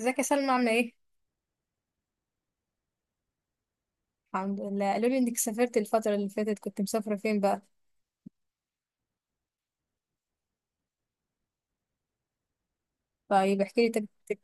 ازيك يا سلمى، عاملة ايه؟ الحمد لله، قالوا لي انك سافرت الفترة اللي فاتت، كنت مسافرة فين بقى؟ طيب احكي لي تجربتك.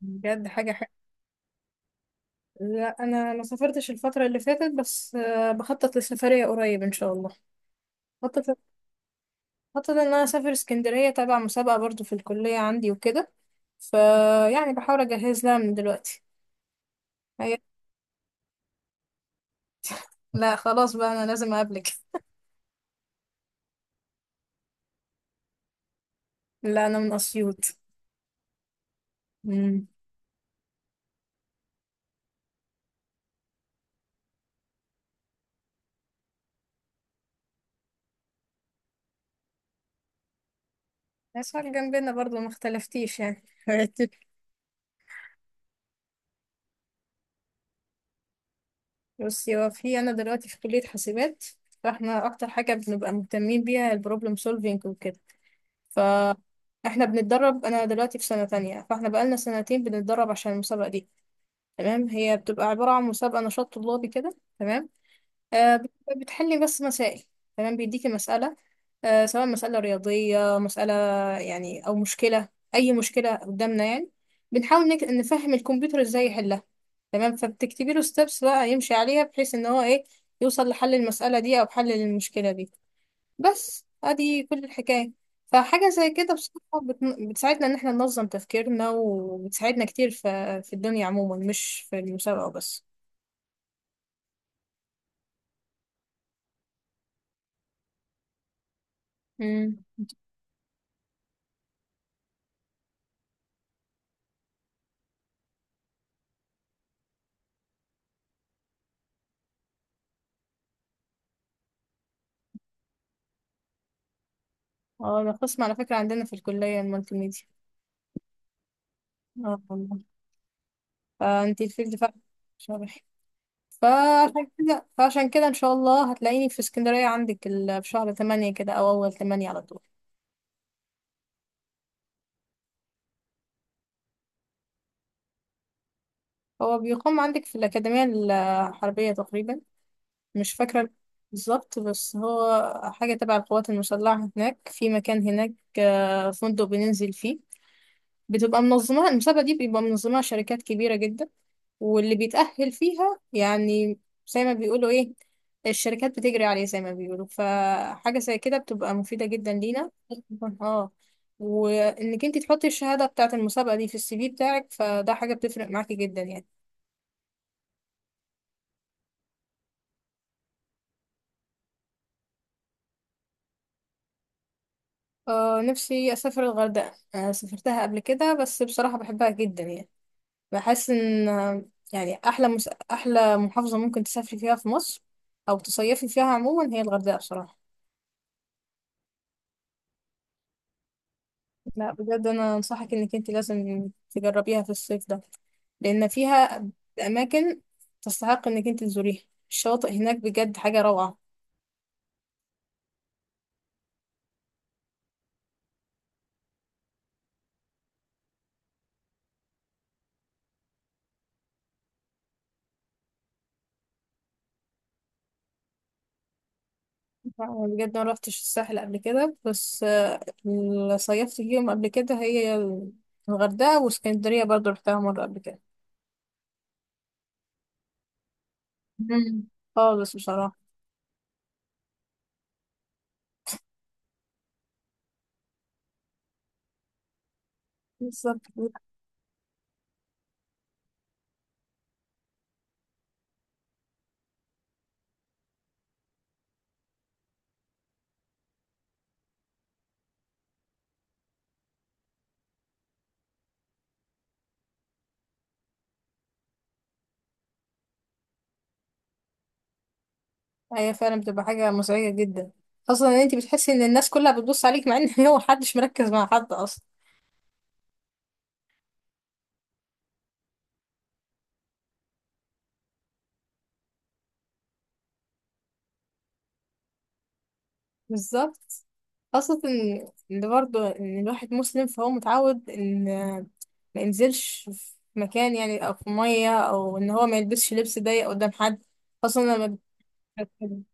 بجد حاجة حلوة. لا انا ما سافرتش الفترة اللي فاتت، بس بخطط لسفرية قريب ان شاء الله. بخطط بخطط ان انا اسافر اسكندرية تبع مسابقة برضو في الكلية عندي وكده، فيعني بحاول اجهز لها من دلوقتي. هي... لا خلاص بقى، انا لازم اقابلك. لا انا من اسيوط. امم اسوان جنبنا برضو، ما اختلفتيش يعني. بصي، هو في انا دلوقتي في كلية حاسبات، فاحنا اكتر حاجة بنبقى مهتمين بيها البروبلم سولفينج وكده. فاحنا بنتدرب، انا دلوقتي في سنة تانية، فاحنا بقالنا سنتين بنتدرب عشان المسابقة دي. تمام، هي بتبقى عبارة عن مسابقة نشاط طلابي كده، تمام. بتحلي بس مسائل. تمام، بيديكي مسألة، سواء مسألة رياضية، مسألة يعني أو مشكلة، أي مشكلة قدامنا يعني. بنحاول نفهم الكمبيوتر إزاي يحلها. تمام، فبتكتبي له ستيبس بقى يمشي عليها، بحيث إن هو إيه، يوصل لحل المسألة دي أو حل المشكلة دي. بس أدي كل الحكاية. فحاجة زي كده بصراحة بتساعدنا إن إحنا ننظم تفكيرنا، وبتساعدنا كتير في الدنيا عموما، مش في المسابقة بس. اه، ده قسم على فكرة عندنا في الكلية، المالتي ميديا. اه والله. فانتي الفيلد فعلا. شرح. فعشان كده ان شاء الله هتلاقيني في اسكندرية عندك، في شهر 8 كده او اول 8 على طول. هو بيقام عندك في الأكاديمية الحربية تقريبا، مش فاكرة بالظبط، بس هو حاجة تبع القوات المسلحة هناك، في مكان هناك، فندق بننزل فيه. بتبقى منظمة المسابقة دي، بيبقى منظمها شركات كبيرة جدا، واللي بيتأهل فيها يعني، زي ما بيقولوا ايه، الشركات بتجري عليه زي ما بيقولوا. فحاجة زي كده بتبقى مفيدة جدا لينا. اه. وانك انت تحطي الشهادة بتاعة المسابقة دي في السي في بتاعك، فده حاجة بتفرق معاكي جدا يعني. اه، نفسي اسافر الغردقة، آه سافرتها قبل كده بس بصراحة بحبها جدا يعني. بحس ان يعني احلى احلى محافظة ممكن تسافري فيها في مصر، او تصيفي فيها عموما، هي الغردقة بصراحة. لا بجد انا انصحك انك انت لازم تجربيها في الصيف ده، لان فيها اماكن تستحق انك انت تزوريها، الشواطئ هناك بجد حاجه روعه. أنا بجد ما روحتش الساحل قبل كده، بس اللي صيفت فيهم قبل كده هي الغردقه واسكندريه، برضو رحتها مره قبل كده. مم. خالص بصراحه. بالظبط، هي فعلا بتبقى حاجه مزعجه جدا، خاصه ان انت بتحسي ان الناس كلها بتبص عليك، مع ان هو محدش مركز مع حد اصلا. بالظبط، خاصة إن برضه إن الواحد مسلم فهو متعود إن ما ينزلش في مكان يعني، أو في مية، أو إن هو ما يلبسش لبس ضيق قدام حد، خاصة لما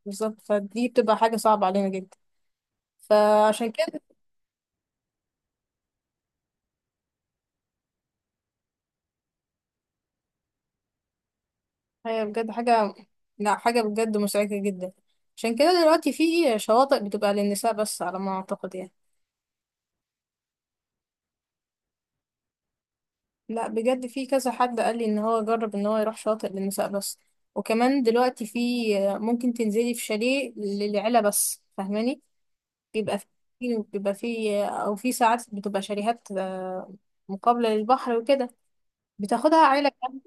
بالظبط، فدي بتبقى حاجة صعبة علينا جدا، فعشان كده. هي بجد حاجة، لا حاجة بجد مزعجة جدا، عشان كده دلوقتي في شواطئ بتبقى للنساء بس على ما أعتقد يعني. لا بجد في كذا حد قال لي ان هو جرب ان هو يروح شاطئ للنساء بس، وكمان دلوقتي في، ممكن تنزلي في شاليه للعيلة بس، فاهماني؟ بيبقى في، بيبقى في او في ساعات بتبقى شاليهات، مقابلة للبحر وكده، بتاخدها عيلة كاملة.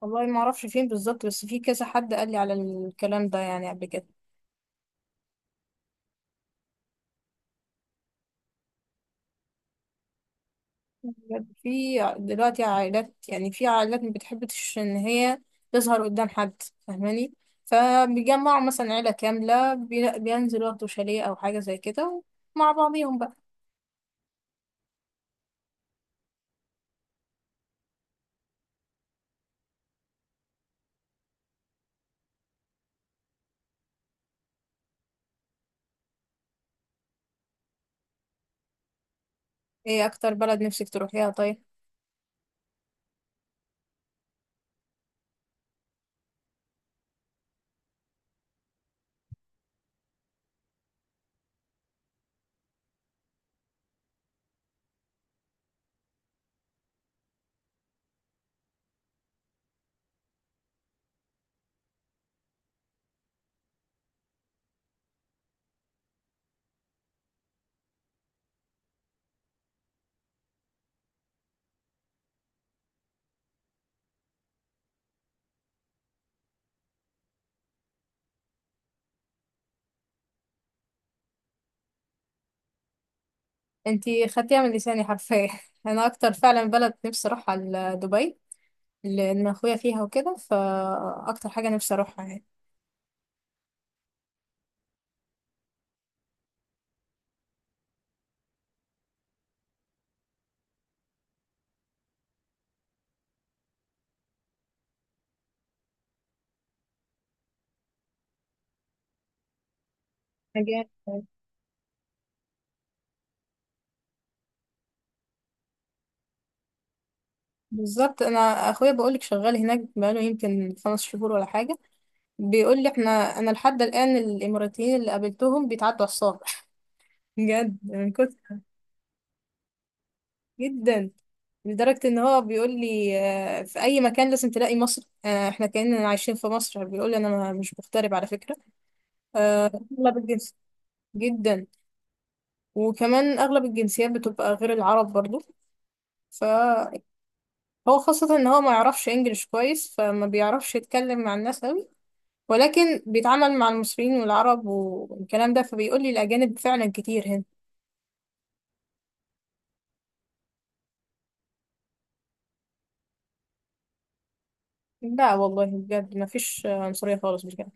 والله ما اعرفش فين بالظبط، بس في كذا حد قال لي على الكلام ده يعني قبل كده. بجد في دلوقتي عائلات، يعني في عائلات ما بتحبش ان هي تظهر قدام حد، فاهماني؟ فبيجمعوا مثلا عيلة كاملة، بينزلوا ياخدوا شاليه او حاجة زي كده مع بعضيهم بقى. ايه اكتر بلد نفسك تروحيها طيب؟ انتي خدتيها من لساني حرفيا. انا اكتر فعلا بلد نفسي اروحها دبي، لان اخويا فيها وكده، فاكتر حاجة نفسي اروحها يعني. أجانب. بالظبط، انا اخويا بقولك شغال هناك بقاله يمكن 5 شهور ولا حاجة، بيقول لي احنا، انا لحد الان الاماراتيين اللي قابلتهم بيتعدوا على الصابع. بجد من كتر، جدا، لدرجة ان هو بيقول لي في اي مكان لازم تلاقي مصر، احنا كأننا عايشين في مصر، بيقول لي انا مش مغترب على فكرة. آه، اغلب الجنس، جدا، وكمان اغلب الجنسيات بتبقى غير العرب برضو. فهو خاصة ان هو ما يعرفش انجليش كويس، فما بيعرفش يتكلم مع الناس قوي، ولكن بيتعامل مع المصريين والعرب والكلام ده، فبيقول لي الاجانب فعلا كتير هنا. لا والله بجد ما فيش عنصرية خالص بجد،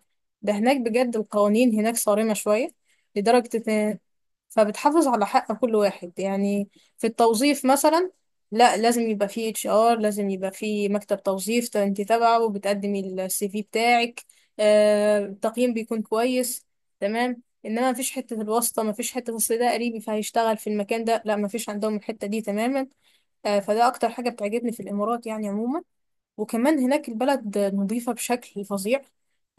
ده هناك بجد القوانين هناك صارمة شوية، لدرجة إن فبتحافظ على حق كل واحد يعني، في التوظيف مثلا، لا لازم يبقى فيه HR، لازم يبقى فيه مكتب توظيف، انت تبعه وبتقدمي السي في بتاعك، التقييم بيكون كويس، تمام، انما مفيش حتة الواسطة، مفيش حتة اصل ده قريبي فهيشتغل في المكان ده، لا مفيش عندهم الحتة دي تماما. فده اكتر حاجة بتعجبني في الامارات يعني عموما، وكمان هناك البلد نظيفة بشكل فظيع،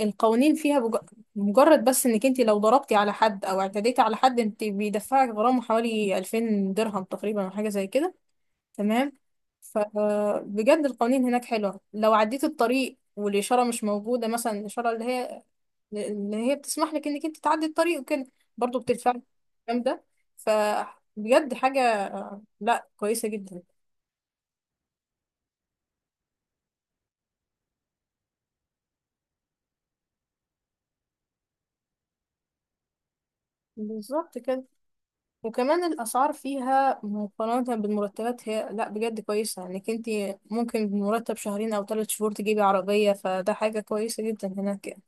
القوانين فيها مجرد بس انك انت لو ضربتي على حد او اعتديتي على حد، انت بيدفعك غرامة حوالي 2000 درهم تقريبا او حاجة زي كده، تمام. فبجد القوانين هناك حلوة، لو عديت الطريق والإشارة مش موجودة مثلا، الإشارة اللي هي بتسمح لك انك انت تعدي الطريق وكده، برضه بتدفع الكلام ده. فبجد حاجة، لا كويسة جدا. بالظبط كده. وكمان الأسعار فيها مقارنة بالمرتبات، هي لأ بجد كويسة، إنك انتي ممكن بمرتب شهرين أو 3 شهور تجيبي عربية، فده حاجة كويسة جدا هناك يعني.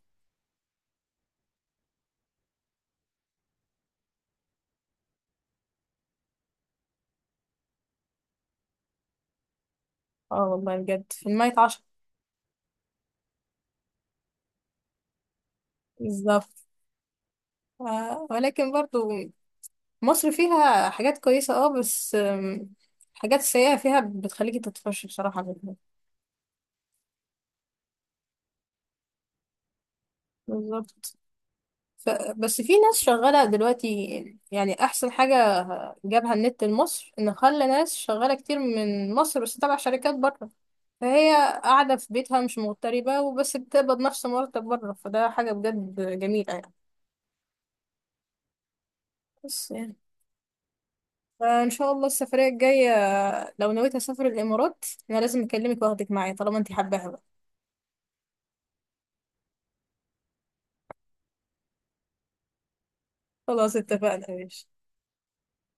اه والله بجد 10%. بالظبط. آه ولكن برضو مصر فيها حاجات كويسة، اه بس الحاجات السيئة فيها بتخليكي تطفشي بصراحة منها. بالظبط. ف... بس في ناس شغالة دلوقتي، يعني أحسن حاجة جابها النت لمصر إن خلى ناس شغالة كتير من مصر بس تبع شركات بره، فهي قاعدة في بيتها مش مغتربة، وبس بتقبض نفس مرتب بره، فده حاجة بجد جميلة يعني. بس يعني فإن شاء الله السفرية الجاية، لو نويت أسافر الإمارات، أنا لازم أكلمك وأخدك معايا طالما أنت حباها بقى. خلاص اتفقنا يا باشا.